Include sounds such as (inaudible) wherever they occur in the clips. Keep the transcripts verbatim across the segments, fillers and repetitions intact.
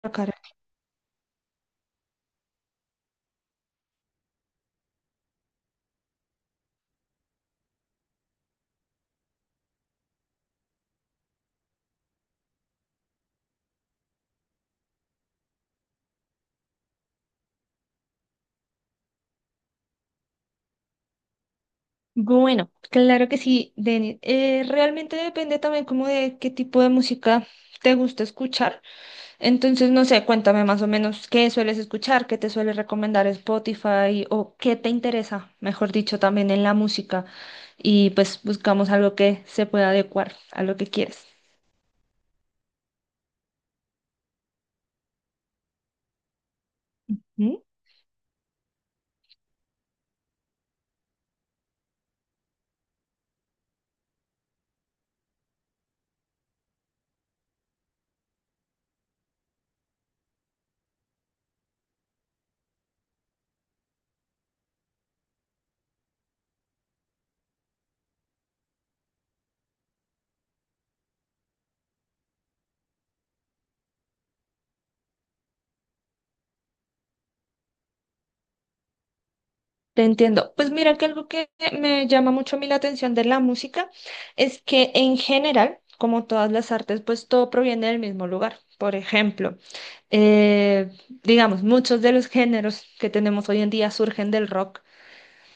Tocar. Bueno, claro que sí, Denis. Eh, realmente depende también como de qué tipo de música te gusta escuchar. Entonces, no sé, cuéntame más o menos qué sueles escuchar, qué te suele recomendar Spotify o qué te interesa, mejor dicho, también en la música. Y pues buscamos algo que se pueda adecuar a lo que quieres. ¿Mm? Te entiendo. Pues mira que algo que me llama mucho a mí la atención de la música es que en general, como todas las artes, pues todo proviene del mismo lugar. Por ejemplo, eh, digamos, muchos de los géneros que tenemos hoy en día surgen del rock,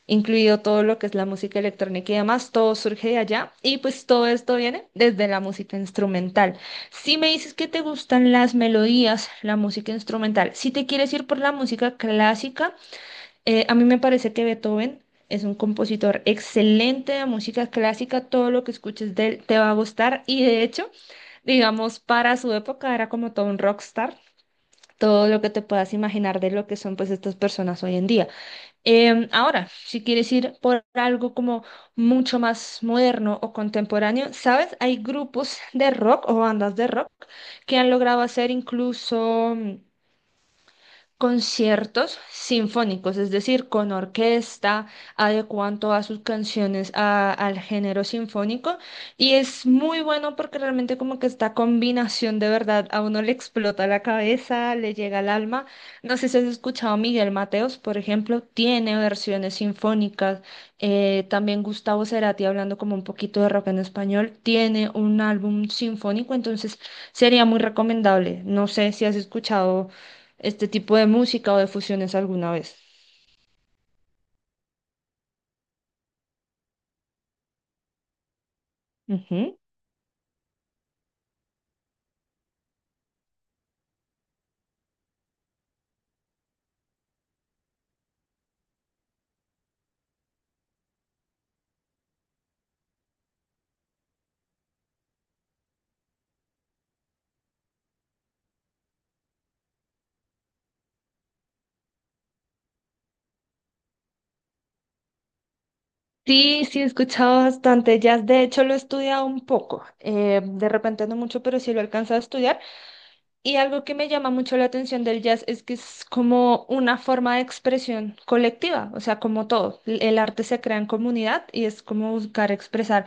incluido todo lo que es la música electrónica y demás, todo surge de allá y pues todo esto viene desde la música instrumental. Si me dices que te gustan las melodías, la música instrumental, si te quieres ir por la música clásica, eh, a mí me parece que Beethoven es un compositor excelente de música clásica, todo lo que escuches de él te va a gustar y, de hecho, digamos, para su época era como todo un rockstar, todo lo que te puedas imaginar de lo que son pues estas personas hoy en día. Em, ahora, si quieres ir por algo como mucho más moderno o contemporáneo, ¿sabes? Hay grupos de rock o bandas de rock que han logrado hacer incluso conciertos sinfónicos, es decir, con orquesta, adecuan todas sus canciones a- al género sinfónico y es muy bueno porque realmente como que esta combinación de verdad a uno le explota la cabeza, le llega al alma. No sé si has escuchado a Miguel Mateos, por ejemplo, tiene versiones sinfónicas. Eh, también Gustavo Cerati, hablando como un poquito de rock en español, tiene un álbum sinfónico, entonces sería muy recomendable. No sé si has escuchado este tipo de música o de fusiones alguna vez. Ujú. Sí, sí, he escuchado bastante jazz. De hecho, lo he estudiado un poco. eh, de repente no mucho, pero sí lo he alcanzado a estudiar. Y algo que me llama mucho la atención del jazz es que es como una forma de expresión colectiva, o sea, como todo, l- el arte se crea en comunidad y es como buscar expresar.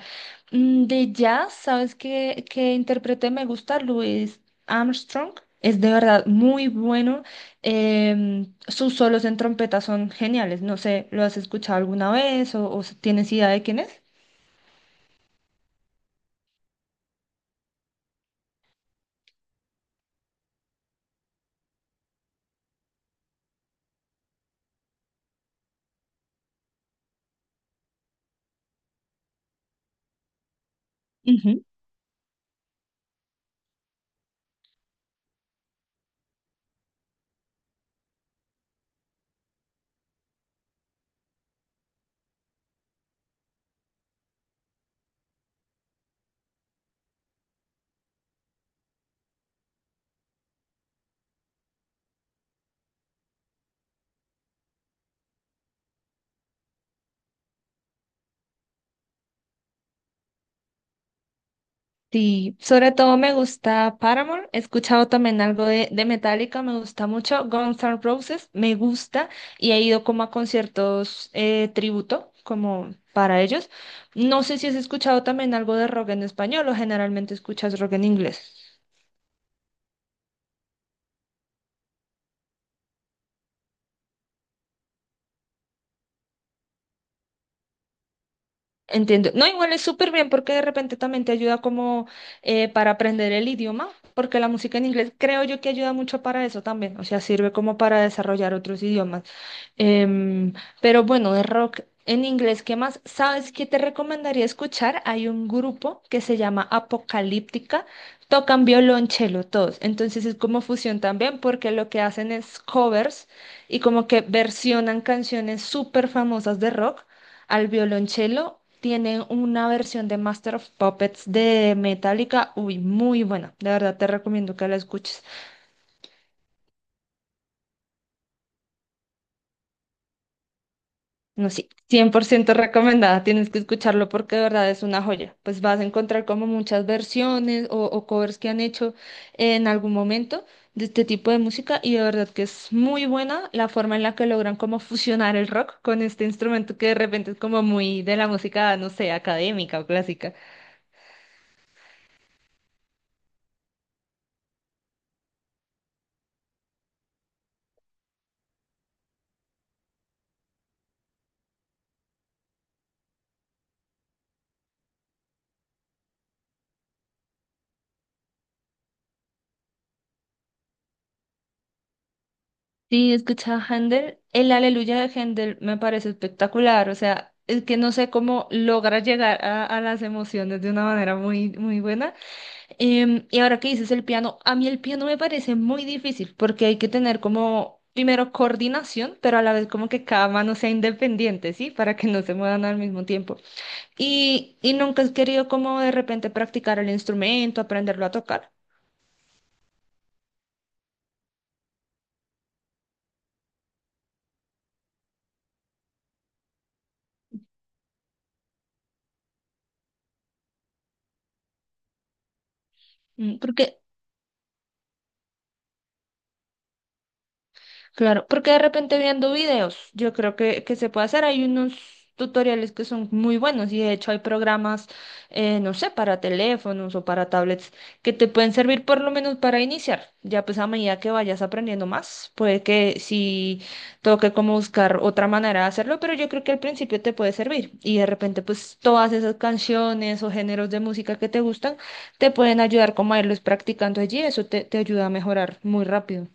Mm, De jazz, ¿sabes qué, qué intérprete me gusta? Louis Armstrong. Es de verdad muy bueno. em, sus solos en trompeta son geniales. No sé, ¿lo has escuchado alguna vez o, o tienes idea de quién es? Sí, sobre todo me gusta Paramore, he escuchado también algo de, de, Metallica, me gusta mucho, Guns N' Roses, me gusta y he ido como a conciertos eh, tributo, como para ellos. No sé si has escuchado también algo de rock en español o generalmente escuchas rock en inglés. Entiendo. No, igual es súper bien porque de repente también te ayuda como eh, para aprender el idioma, porque la música en inglés creo yo que ayuda mucho para eso también, o sea, sirve como para desarrollar otros idiomas. Em, pero bueno, de rock en inglés, ¿qué más? ¿Sabes qué te recomendaría escuchar? Hay un grupo que se llama Apocalíptica, tocan violonchelo todos, entonces es como fusión también porque lo que hacen es covers y como que versionan canciones súper famosas de rock al violonchelo. Tienen una versión de Master of Puppets de Metallica, uy, muy buena. De verdad te recomiendo que la escuches. No, sí, cien por ciento recomendada. Tienes que escucharlo porque de verdad es una joya. Pues vas a encontrar como muchas versiones o, o covers que han hecho en algún momento de este tipo de música, y de verdad que es muy buena la forma en la que logran como fusionar el rock con este instrumento que de repente es como muy de la música, no sé, académica o clásica. Sí, escuchaba Handel, el Aleluya de Handel me parece espectacular, o sea, es que no sé cómo logra llegar a, a las emociones de una manera muy, muy buena. Em, y ahora que dices el piano, a mí el piano me parece muy difícil porque hay que tener como, primero, coordinación, pero a la vez como que cada mano sea independiente, ¿sí? Para que no se muevan al mismo tiempo. Y, y nunca has querido como de repente practicar el instrumento, aprenderlo a tocar. Mm, porque Claro, porque de repente viendo videos, yo creo que, que se puede hacer. Hay unos tutoriales que son muy buenos y de hecho hay programas, eh, no sé, para teléfonos o para tablets que te pueden servir por lo menos para iniciar. Ya pues a medida que vayas aprendiendo más, puede que si toque como buscar otra manera de hacerlo, pero yo creo que al principio te puede servir y de repente pues todas esas canciones o géneros de música que te gustan te pueden ayudar como a irlos practicando allí. Eso te, te ayuda a mejorar muy rápido.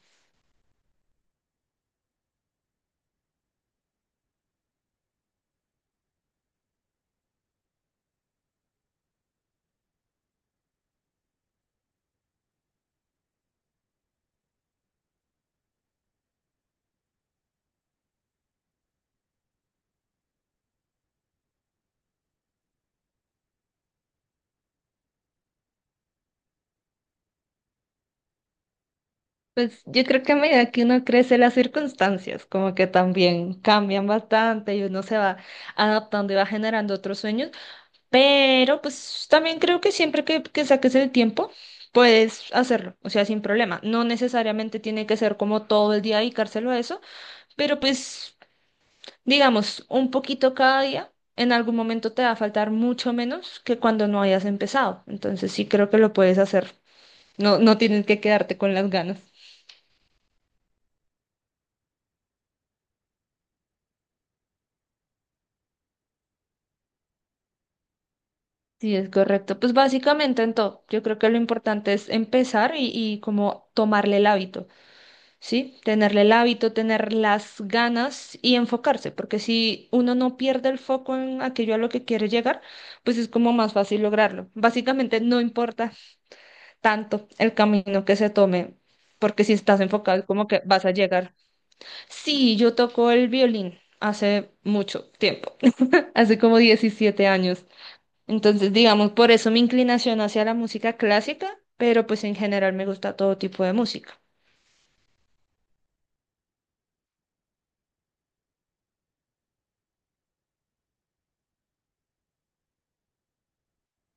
Pues yo creo que a medida que uno crece, las circunstancias como que también cambian bastante y uno se va adaptando y va generando otros sueños, pero pues también creo que siempre que, que saques el tiempo, puedes hacerlo, o sea, sin problema. No necesariamente tiene que ser como todo el día dedicárselo a eso, pero pues, digamos, un poquito cada día, en algún momento te va a faltar mucho menos que cuando no hayas empezado. Entonces sí creo que lo puedes hacer. No, no tienes que quedarte con las ganas. Sí, es correcto. Pues básicamente en todo, yo creo que lo importante es empezar y, y como tomarle el hábito, ¿sí? Tenerle el hábito, tener las ganas y enfocarse, porque si uno no pierde el foco en aquello a lo que quiere llegar, pues es como más fácil lograrlo. Básicamente no importa tanto el camino que se tome, porque si estás enfocado es como que vas a llegar. Sí, yo toco el violín hace mucho tiempo, (laughs) hace como diecisiete años. Entonces, digamos, por eso mi inclinación hacia la música clásica, pero pues en general me gusta todo tipo de música.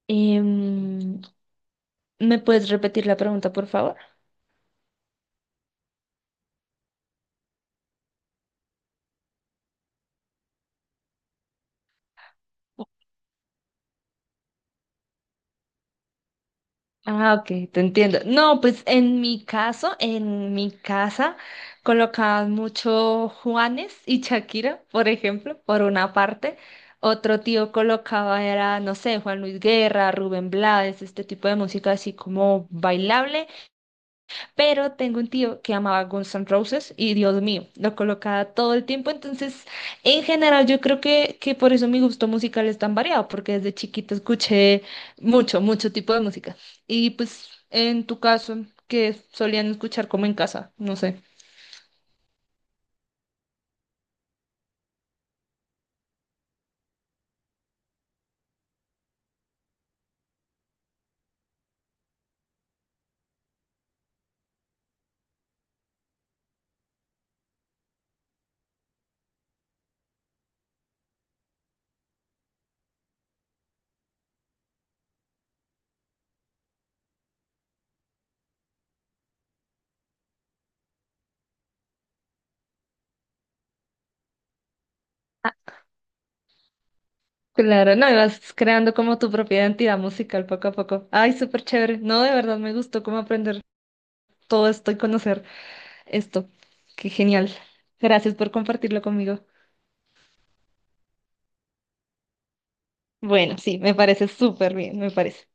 Em, ¿me puedes repetir la pregunta, por favor? Ah, ok, te entiendo. No, pues en mi caso, en mi casa, colocaban mucho Juanes y Shakira, por ejemplo, por una parte. Otro tío colocaba era, no sé, Juan Luis Guerra, Rubén Blades, este tipo de música así como bailable. Pero tengo un tío que amaba Guns N' Roses y Dios mío, lo colocaba todo el tiempo. Entonces, en general, yo creo que, que por eso mi gusto musical es tan variado, porque desde chiquito escuché mucho, mucho tipo de música. Y pues, en tu caso, que solían escuchar como en casa? No sé. Ah, claro, no, ibas creando como tu propia identidad musical poco a poco. Ay, súper chévere. No, de verdad me gustó cómo aprender todo esto y conocer esto. Qué genial. Gracias por compartirlo conmigo. Bueno, sí, me parece súper bien, me parece.